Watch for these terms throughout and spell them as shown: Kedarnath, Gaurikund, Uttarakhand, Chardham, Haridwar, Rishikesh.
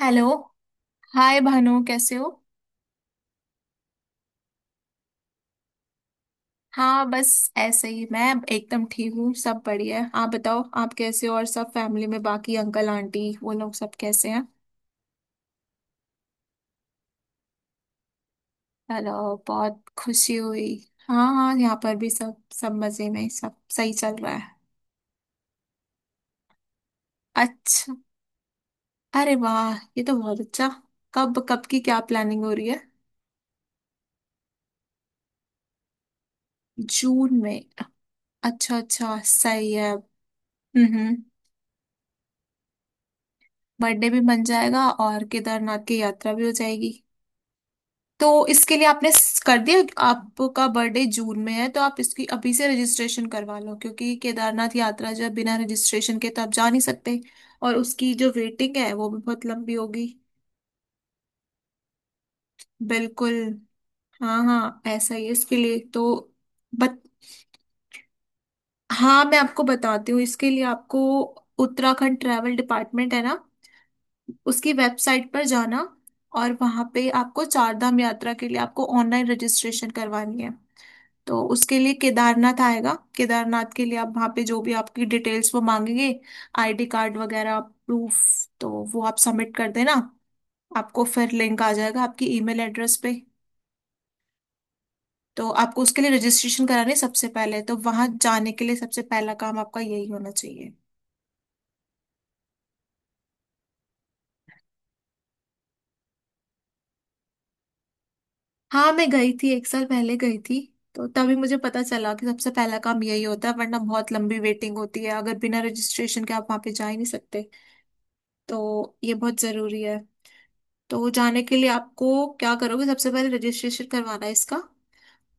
Hello. Hi Bhanu, कैसे हो? हाँ, बस ऐसे ही। मैं एकदम ठीक हूँ, सब बढ़िया है। आप बताओ, आप कैसे हो? और सब फैमिली में बाकी अंकल आंटी वो लोग सब कैसे हैं? हेलो, बहुत खुशी हुई। हाँ हाँ, यहाँ पर भी सब सब मजे में, सब सही चल रहा है। अच्छा। अरे वाह, ये तो बहुत अच्छा। कब कब की क्या प्लानिंग हो रही है? जून में? अच्छा अच्छा, सही है। हम्म। बर्थडे भी बन जाएगा और केदारनाथ की यात्रा भी हो जाएगी। तो इसके लिए आपने कर दिया? आपका बर्थडे जून में है तो आप इसकी अभी से रजिस्ट्रेशन करवा लो, क्योंकि केदारनाथ यात्रा जो है, बिना रजिस्ट्रेशन के तो आप जा नहीं सकते। और उसकी जो वेटिंग है वो भी बहुत लंबी होगी। बिल्कुल। हाँ हाँ, ऐसा ही है। इसके लिए तो बत हाँ, मैं आपको बताती हूँ। इसके लिए आपको उत्तराखंड ट्रैवल डिपार्टमेंट है ना, उसकी वेबसाइट पर जाना। और वहाँ पे आपको चारधाम यात्रा के लिए आपको ऑनलाइन रजिस्ट्रेशन करवानी है। तो उसके लिए केदारनाथ आएगा, केदारनाथ के लिए आप वहाँ पे जो भी आपकी डिटेल्स वो मांगेंगे, आईडी कार्ड वगैरह प्रूफ, तो वो आप सबमिट कर देना। आपको फिर लिंक आ जाएगा आपकी ईमेल एड्रेस पे। तो आपको उसके लिए रजिस्ट्रेशन करानी है सबसे पहले। तो वहाँ जाने के लिए सबसे पहला काम आपका यही होना चाहिए। हाँ, मैं गई थी, एक साल पहले गई थी। तो तभी मुझे पता चला कि सबसे पहला काम यही होता है, वरना बहुत लंबी वेटिंग होती है, अगर बिना रजिस्ट्रेशन के आप वहाँ पे जा ही नहीं सकते। तो ये बहुत जरूरी है। तो वो जाने के लिए आपको क्या करोगे, सबसे पहले रजिस्ट्रेशन करवाना है इसका।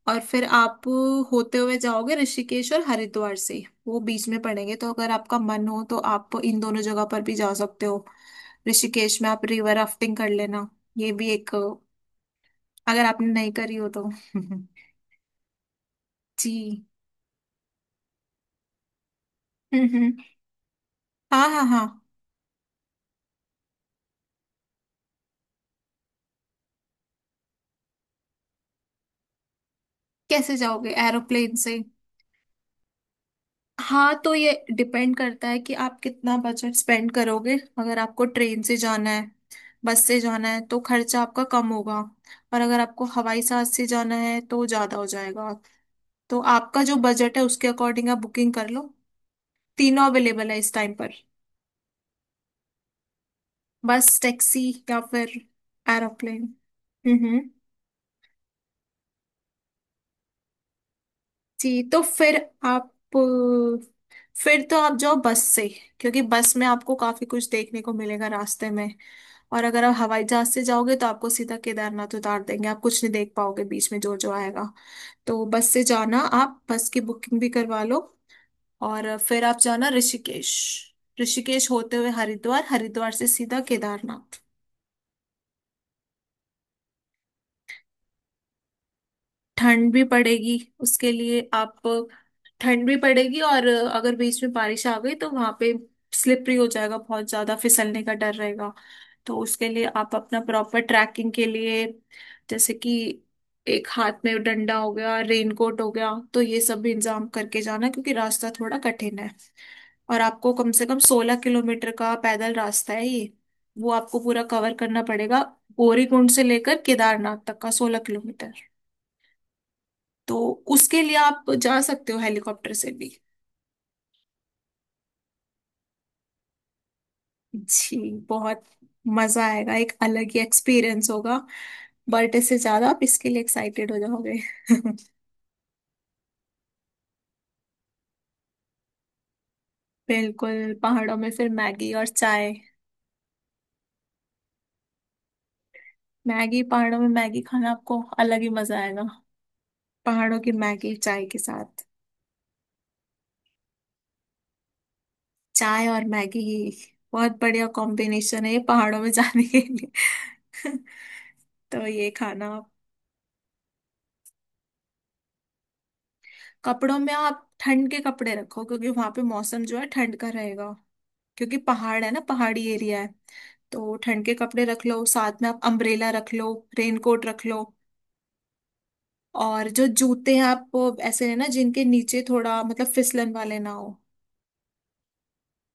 और फिर आप होते हुए जाओगे ऋषिकेश और हरिद्वार से, वो बीच में पड़ेंगे, तो अगर आपका मन हो तो आप इन दोनों जगह पर भी जा सकते हो। ऋषिकेश में आप रिवर राफ्टिंग कर लेना, ये भी एक, अगर आपने नहीं करी हो तो। जी। हम्म। हाँ हाँ हाँ। कैसे जाओगे, एरोप्लेन से? हाँ, तो ये डिपेंड करता है कि आप कितना बजट स्पेंड करोगे। अगर आपको ट्रेन से जाना है, बस से जाना है, तो खर्चा आपका कम होगा। और अगर आपको हवाई जहाज से जाना है तो ज़्यादा हो जाएगा। तो आपका जो बजट है उसके अकॉर्डिंग आप बुकिंग कर लो। तीनों अवेलेबल है इस टाइम पर, बस, टैक्सी, या फिर एरोप्लेन। हम्म हम्म। जी, तो फिर आप, फिर तो आप जाओ बस से। क्योंकि बस में आपको काफी कुछ देखने को मिलेगा रास्ते में। और अगर आप हवाई जहाज से जाओगे तो आपको सीधा केदारनाथ उतार देंगे, आप कुछ नहीं देख पाओगे बीच में जो जो आएगा। तो बस से जाना, आप बस की बुकिंग भी करवा लो। और फिर आप जाना ऋषिकेश, ऋषिकेश होते हुए हरिद्वार, हरिद्वार से सीधा केदारनाथ। ठंड भी पड़ेगी, उसके लिए आप, ठंड भी पड़ेगी, और अगर बीच में बारिश आ गई तो वहां पे स्लिपरी हो जाएगा, बहुत ज्यादा फिसलने का डर रहेगा। तो उसके लिए आप अपना प्रॉपर ट्रैकिंग के लिए, जैसे कि एक हाथ में डंडा हो गया, रेनकोट हो गया, तो ये सब भी इंतजाम करके जाना, क्योंकि रास्ता थोड़ा कठिन है। और आपको कम से कम 16 किलोमीटर का पैदल रास्ता है ये, वो आपको पूरा कवर करना पड़ेगा। गौरीकुंड से लेकर केदारनाथ तक का 16 किलोमीटर। तो उसके लिए आप जा सकते हो हेलीकॉप्टर से भी। जी बहुत। मजा आएगा, एक अलग ही एक्सपीरियंस होगा। बट इससे ज्यादा आप इसके लिए एक्साइटेड हो जाओगे। बिल्कुल, पहाड़ों में फिर मैगी और चाय। मैगी, पहाड़ों में मैगी खाना, आपको अलग ही मजा आएगा। पहाड़ों की मैगी चाय के साथ। चाय और मैगी ही बहुत बढ़िया कॉम्बिनेशन है ये पहाड़ों में जाने के लिए। तो ये खाना आप। कपड़ों में आप ठंड के कपड़े रखो, क्योंकि वहां पे मौसम जो है ठंड का रहेगा, क्योंकि पहाड़ है ना, पहाड़ी एरिया है। तो ठंड के कपड़े रख लो, साथ में आप अम्ब्रेला रख लो, रेनकोट रख लो। और जो जूते हैं आप वो ऐसे है ना, जिनके नीचे थोड़ा, मतलब, फिसलन वाले ना हो।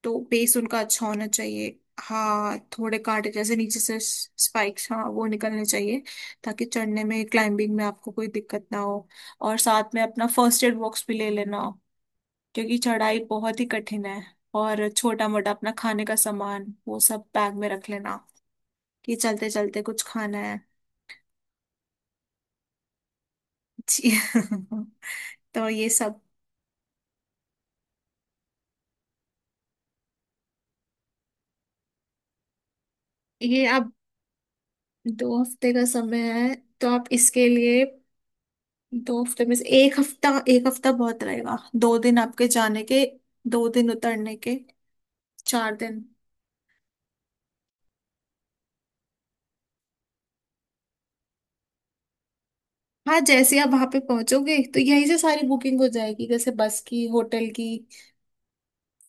तो बेस उनका अच्छा होना चाहिए, हाँ, थोड़े कांटे जैसे नीचे से, स्पाइक्स, हाँ, वो निकलने चाहिए, ताकि चढ़ने में, क्लाइंबिंग में, आपको कोई दिक्कत ना हो। और साथ में अपना फर्स्ट एड बॉक्स भी ले लेना, क्योंकि चढ़ाई बहुत ही कठिन है। और छोटा मोटा अपना खाने का सामान वो सब बैग में रख लेना, कि चलते चलते कुछ खाना है। जी। तो ये सब। ये आप, 2 हफ्ते का समय है, तो आप इसके लिए 2 हफ्ते में से एक हफ्ता, एक हफ्ता बहुत रहेगा। दो दिन आपके जाने के, 2 दिन उतरने के, 4 दिन। हाँ, जैसे ही आप वहां पे पहुंचोगे तो यहीं से सारी बुकिंग हो जाएगी, जैसे बस की, होटल की।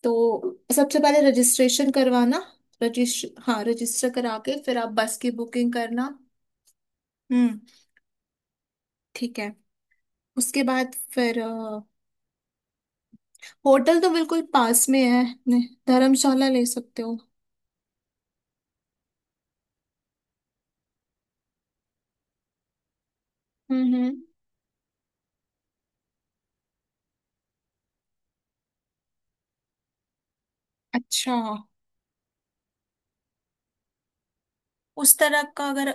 तो सबसे पहले रजिस्ट्रेशन करवाना। रजिस्ट्र हाँ, रजिस्टर करा के फिर आप बस की बुकिंग करना। हम्म। ठीक है। उसके बाद फिर होटल, तो बिल्कुल पास में है नहीं, धर्मशाला ले सकते हो। हम्म। अच्छा, उस तरह का अगर,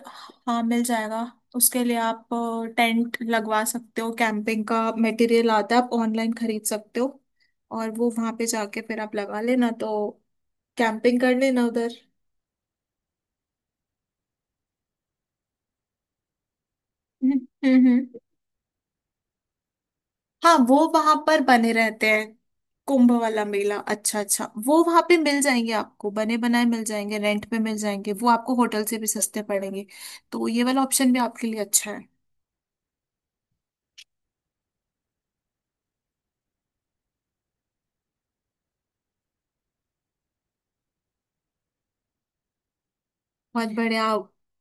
हाँ, मिल जाएगा। उसके लिए आप टेंट लगवा सकते हो, कैंपिंग का मटेरियल आता है, आप ऑनलाइन खरीद सकते हो। और वो वहां पे जाके फिर आप लगा लेना, तो कैंपिंग कर लेना उधर। हम्म हम्म। हाँ, वो वहां पर बने रहते हैं। कुंभ वाला मेला, अच्छा अच्छा, वो वहां पे मिल जाएंगे आपको, बने बनाए मिल जाएंगे, रेंट पे मिल जाएंगे, वो आपको होटल से भी सस्ते पड़ेंगे। तो ये वाला ऑप्शन भी आपके लिए अच्छा है। बहुत बढ़िया।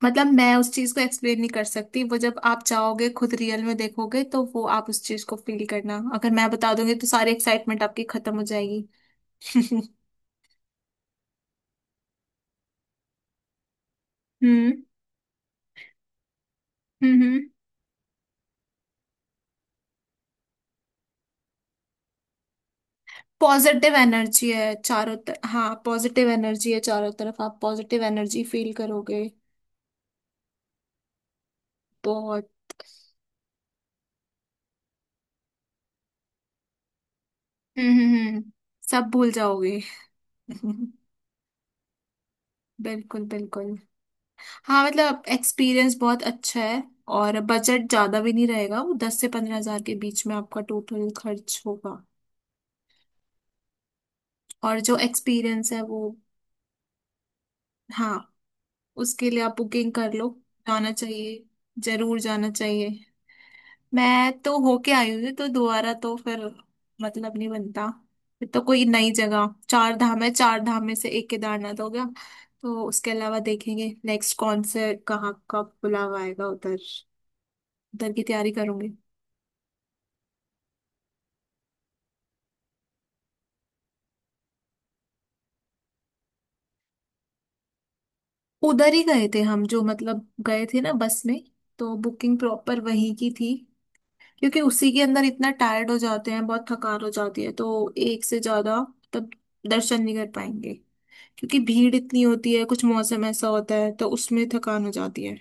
मतलब, मैं उस चीज को एक्सप्लेन नहीं कर सकती, वो जब आप जाओगे खुद रियल में देखोगे, तो वो आप उस चीज को फील करना। अगर मैं बता दूंगी तो सारी एक्साइटमेंट आपकी खत्म हो जाएगी। हम्म हम्म। पॉजिटिव एनर्जी है चारों तरफ, हाँ, पॉजिटिव एनर्जी है चारों तरफ, आप पॉजिटिव एनर्जी फील करोगे। बहुत। हम्म हम्म हम्म। सब भूल जाओगे। बिल्कुल बिल्कुल। हाँ, मतलब एक्सपीरियंस बहुत अच्छा है। और बजट ज्यादा भी नहीं रहेगा, वो 10 से 15 हज़ार के बीच में आपका टोटल खर्च होगा। और जो एक्सपीरियंस है वो, हाँ, उसके लिए आप बुकिंग कर लो। जाना चाहिए, जरूर जाना चाहिए। मैं तो होके आई हूँ, तो दोबारा तो फिर, मतलब, नहीं बनता। फिर तो कोई नई जगह, चार धाम है, चार धाम में से एक केदारनाथ हो गया। तो उसके अलावा देखेंगे नेक्स्ट कौन से, कहाँ कब बुलावा आएगा उधर, उधर की तैयारी करूंगी। उधर ही गए थे हम, जो, मतलब, गए थे ना बस में, तो बुकिंग प्रॉपर वहीं की थी। क्योंकि उसी के अंदर इतना टायर्ड हो जाते हैं, बहुत थकान हो जाती है, तो एक से ज्यादा, तब दर्शन नहीं कर पाएंगे, क्योंकि भीड़ इतनी होती है, कुछ मौसम ऐसा होता है तो उसमें थकान हो जाती है।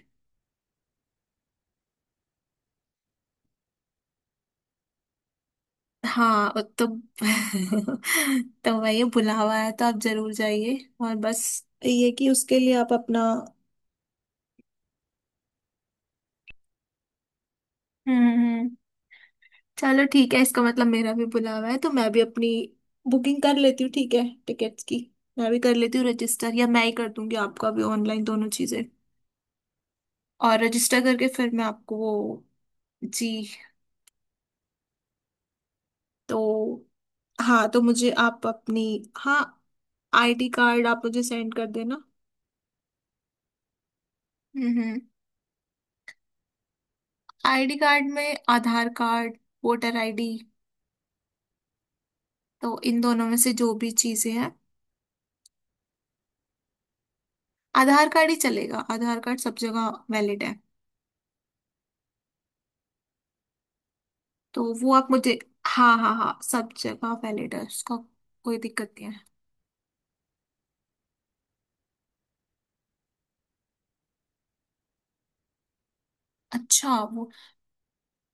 हाँ, और तो तो भाई ये बुलावा है तो आप जरूर जाइए। और बस, ये कि उसके लिए आप अपना, हम्म हम्म, चलो ठीक है, इसका मतलब मेरा भी बुलावा है। तो मैं भी अपनी बुकिंग कर लेती हूँ, ठीक है, टिकट्स की। मैं भी कर लेती हूँ रजिस्टर, या मैं ही कर दूंगी आपका भी ऑनलाइन, दोनों चीजें। और रजिस्टर करके फिर मैं आपको वो, जी, तो हाँ, तो मुझे आप अपनी, हाँ, आईडी कार्ड आप मुझे सेंड कर देना। हम्म। आईडी कार्ड में आधार कार्ड, वोटर आईडी, तो इन दोनों में से जो भी चीजें हैं, आधार कार्ड ही चलेगा, आधार कार्ड सब जगह वैलिड है। तो वो आप मुझे, हाँ हाँ हाँ, सब जगह वैलिड है उसका, कोई दिक्कत नहीं है। अच्छा वो,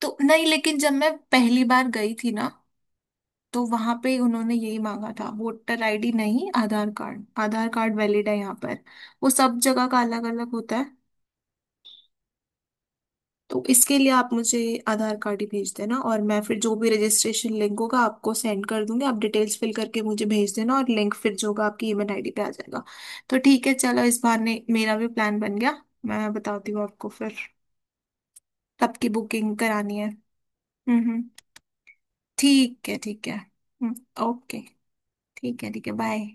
तो नहीं, लेकिन जब मैं पहली बार गई थी ना, तो वहां पे उन्होंने यही मांगा था, वोटर आईडी नहीं, Aadhaar card, Aadhaar card valid है यहाँ पर। वो सब जगह का अलग अलग होता है। तो इसके लिए आप मुझे आधार कार्ड ही भेज देना, और मैं फिर जो भी रजिस्ट्रेशन लिंक होगा आपको सेंड कर दूंगी, आप डिटेल्स फिल करके मुझे भेज देना, और लिंक फिर जो होगा आपकी ईमेल आईडी पे आ जाएगा। तो ठीक है, चलो, इस बहाने मेरा भी प्लान बन गया। मैं बताती हूँ आपको फिर, कब की बुकिंग करानी है। हम्म। ठीक है ठीक है, हम्म। ओके। ठीक है ठीक है, बाय।